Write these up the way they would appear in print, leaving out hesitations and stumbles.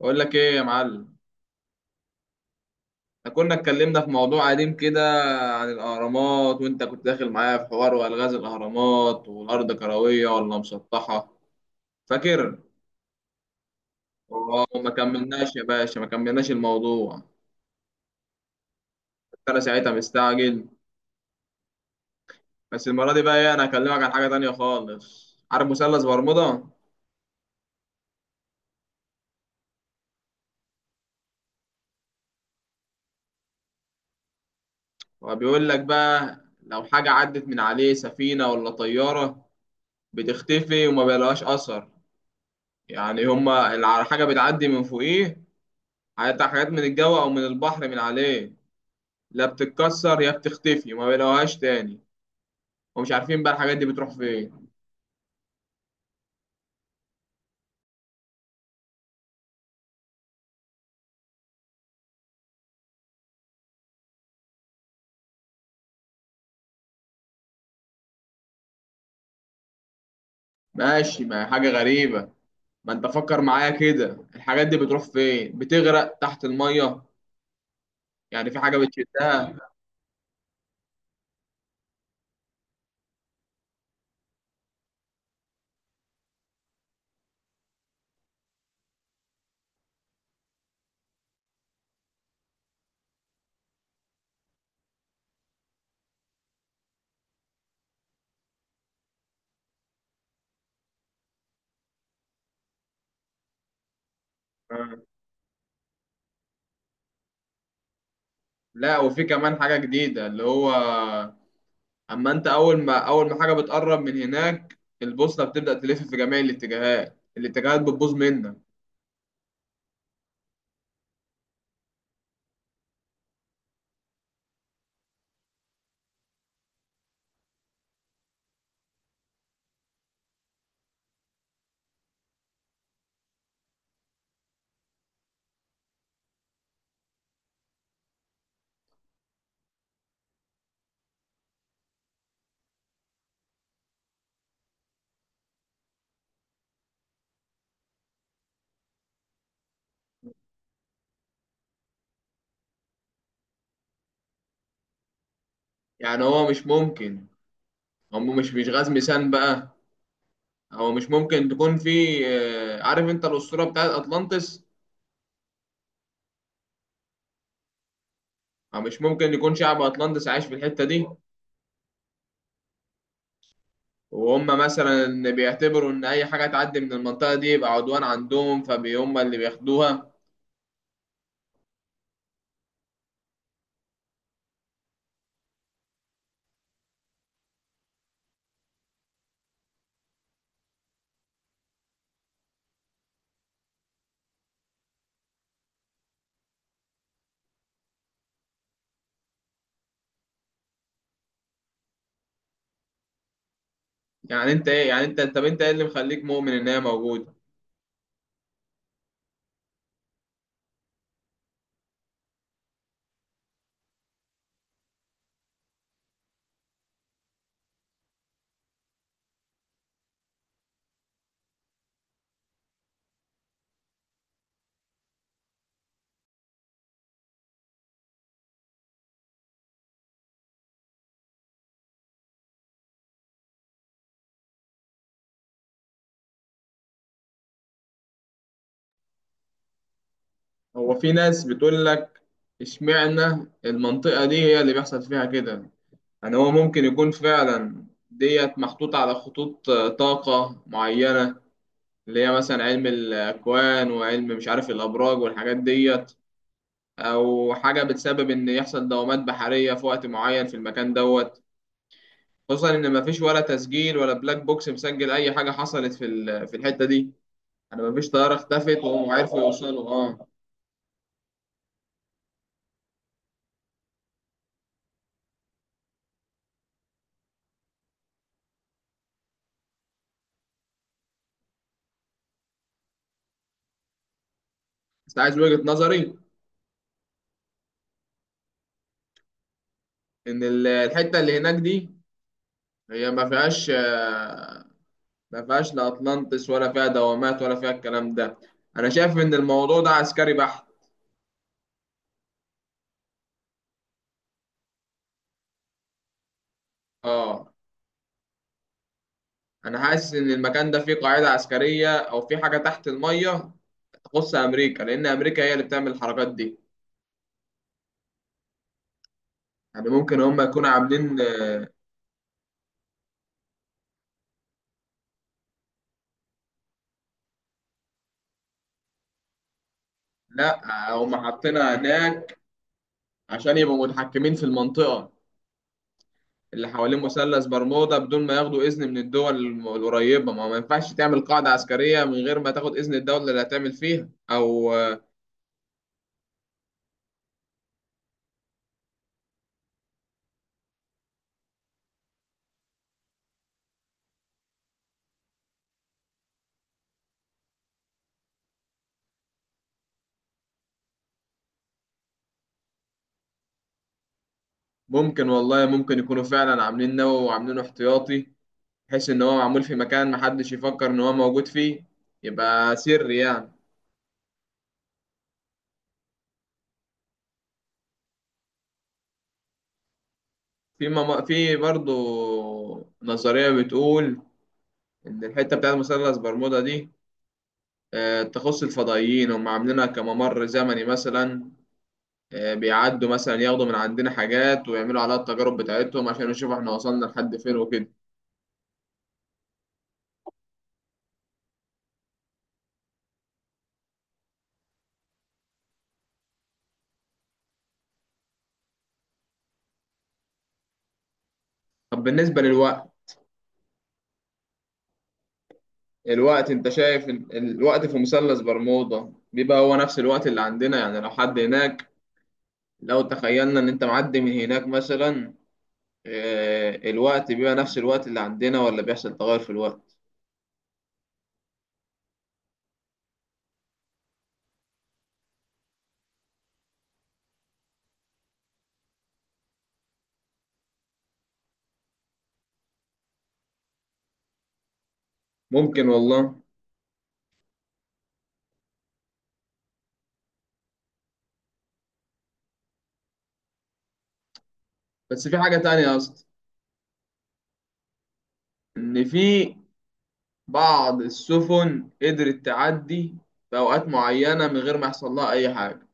بقول لك ايه يا معلم. احنا كنا اتكلمنا في موضوع قديم كده عن الاهرامات، وانت كنت داخل معايا في حوار والغاز الاهرامات والارض كرويه ولا مسطحه. فاكر؟ وما كملناش يا باشا، ما كملناش الموضوع. كنت انا ساعتها مستعجل. بس المره دي بقى ايه، انا هكلمك عن حاجه تانية خالص. عارف مثلث برمودا؟ هو بيقول لك بقى، لو حاجه عدت من عليه سفينه ولا طياره بتختفي وما بيلاقاش اثر. يعني هما الحاجه بتعدي من فوقيه، هيطلع حاجات من الجو او من البحر من عليه، لا بتتكسر يا بتختفي ما بيلاقوهاش تاني، ومش عارفين بقى الحاجات دي بتروح فين. ماشي، ما هي حاجة غريبة. ما انت فكر معايا كده، الحاجات دي بتروح فين؟ بتغرق تحت المية؟ يعني في حاجة بتشدها. آه. لا، وفي كمان حاجة جديدة اللي هو، اما انت اول ما حاجة بتقرب من هناك البوصلة بتبدأ تلف في جميع الاتجاهات، الاتجاهات بتبوظ منك. يعني هو مش ممكن، هو مش غاز ميثان بقى. هو مش ممكن تكون في عارف انت الاسطوره بتاعت اطلانتس؟ أو مش ممكن يكون شعب اطلانتس عايش في الحته دي، وهم مثلا بيعتبروا ان اي حاجه تعدي من المنطقه دي يبقى عدوان عندهم فهم اللي بياخدوها؟ يعني انت ايه يعني انت طب انت ايه اللي مخليك مؤمن ان هي موجوده؟ هو في ناس بتقول لك، اشمعنى المنطقه دي هي اللي بيحصل فيها كده؟ يعني هو ممكن يكون فعلا ديت محطوطه على خطوط طاقه معينه، اللي هي مثلا علم الأكوان وعلم مش عارف الأبراج والحاجات ديت، أو حاجة بتسبب إن يحصل دوامات بحرية في وقت معين في المكان دوت. خصوصا إن مفيش ولا تسجيل ولا بلاك بوكس مسجل أي حاجة حصلت في في الحتة دي. أنا مفيش طيارة اختفت وهم عرفوا يوصلوا. بس عايز وجهة نظري، إن الحتة اللي هناك دي هي ما فيهاش ما فيهاش لا أطلانتس ولا فيها دوامات ولا فيها الكلام ده. أنا شايف إن الموضوع ده عسكري بحت. أه. انا حاسس ان المكان ده فيه قاعده عسكريه او فيه حاجه تحت الميه تخص امريكا، لان امريكا هي اللي بتعمل الحركات دي. يعني ممكن هم يكونوا عاملين. لا، هم حاطينها هناك عشان يبقوا متحكمين في المنطقه اللي حوالين مثلث برمودا بدون ما ياخدوا اذن من الدول القريبه. ما ينفعش تعمل قاعده عسكريه من غير ما تاخد اذن الدوله اللي هتعمل فيها او ممكن والله، ممكن يكونوا فعلا عاملين نووي وعاملينه احتياطي، بحيث ان هو معمول في مكان محدش يفكر ان هو موجود فيه. يبقى سري يعني. في في برضه نظرية بتقول إن الحتة بتاعت مثلث برمودا دي تخص الفضائيين، هم عاملينها كممر زمني مثلا، بيعدوا مثلا ياخدوا من عندنا حاجات ويعملوا عليها التجارب بتاعتهم عشان يشوفوا احنا وصلنا لحد فين وكده. طب بالنسبة للوقت، الوقت انت شايف الوقت في مثلث برمودا بيبقى هو نفس الوقت اللي عندنا؟ يعني لو حد هناك، لو تخيلنا ان انت معدي من هناك مثلا الوقت بيبقى نفس الوقت اللي عندنا ولا بيحصل تغير في الوقت؟ ممكن والله. بس في حاجة تانية يا اسطى، إن في بعض السفن قدرت تعدي في أوقات معينة من غير ما يحصل لها أي حاجة.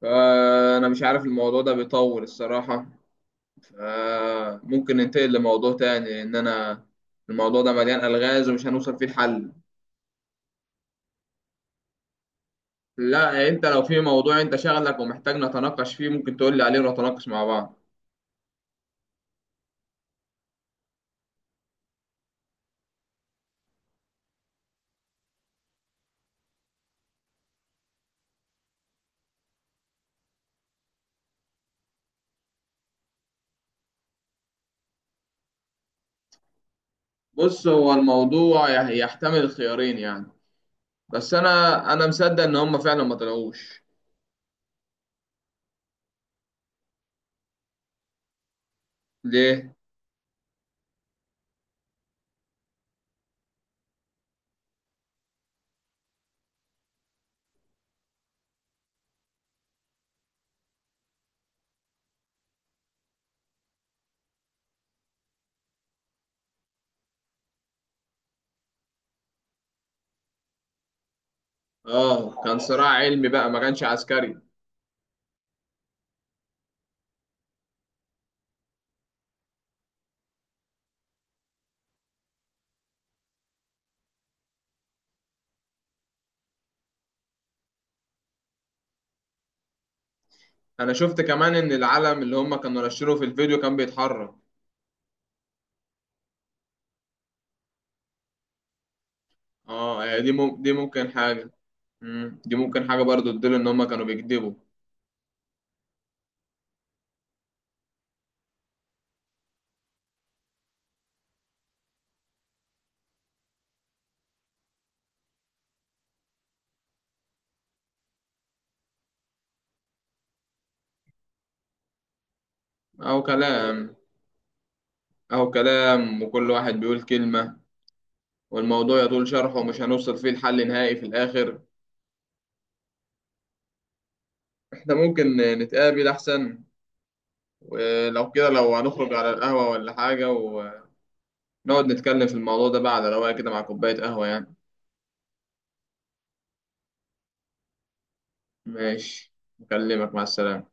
فأنا مش عارف، الموضوع ده بيطول الصراحة، فممكن ننتقل لموضوع تاني، لأن أنا الموضوع ده مليان ألغاز ومش هنوصل فيه الحل. لا، أنت لو في موضوع أنت شغلك ومحتاج نتناقش فيه ممكن تقول لي عليه ونتناقش مع بعض. بص، هو الموضوع يحتمل الخيارين يعني. بس أنا مصدق إن هما فعلا ما طلعوش. ليه؟ اه، كان صراع علمي بقى، ما كانش عسكري. انا شفت كمان ان العلم اللي هم كانوا نشروه في الفيديو كان بيتحرك. اه يعني دي دي ممكن حاجة. دي ممكن حاجة برضو تدل ان هم كانوا بيكذبوا. او كلام، او كلام، وكل واحد بيقول كلمة، والموضوع يطول شرحه ومش هنوصل فيه لحل نهائي في الاخر. احنا ممكن نتقابل احسن، ولو كده لو هنخرج على القهوة ولا حاجة ونقعد نتكلم في الموضوع ده بقى على رواية كده مع كوباية قهوة يعني. ماشي. أكلمك، مع السلامة.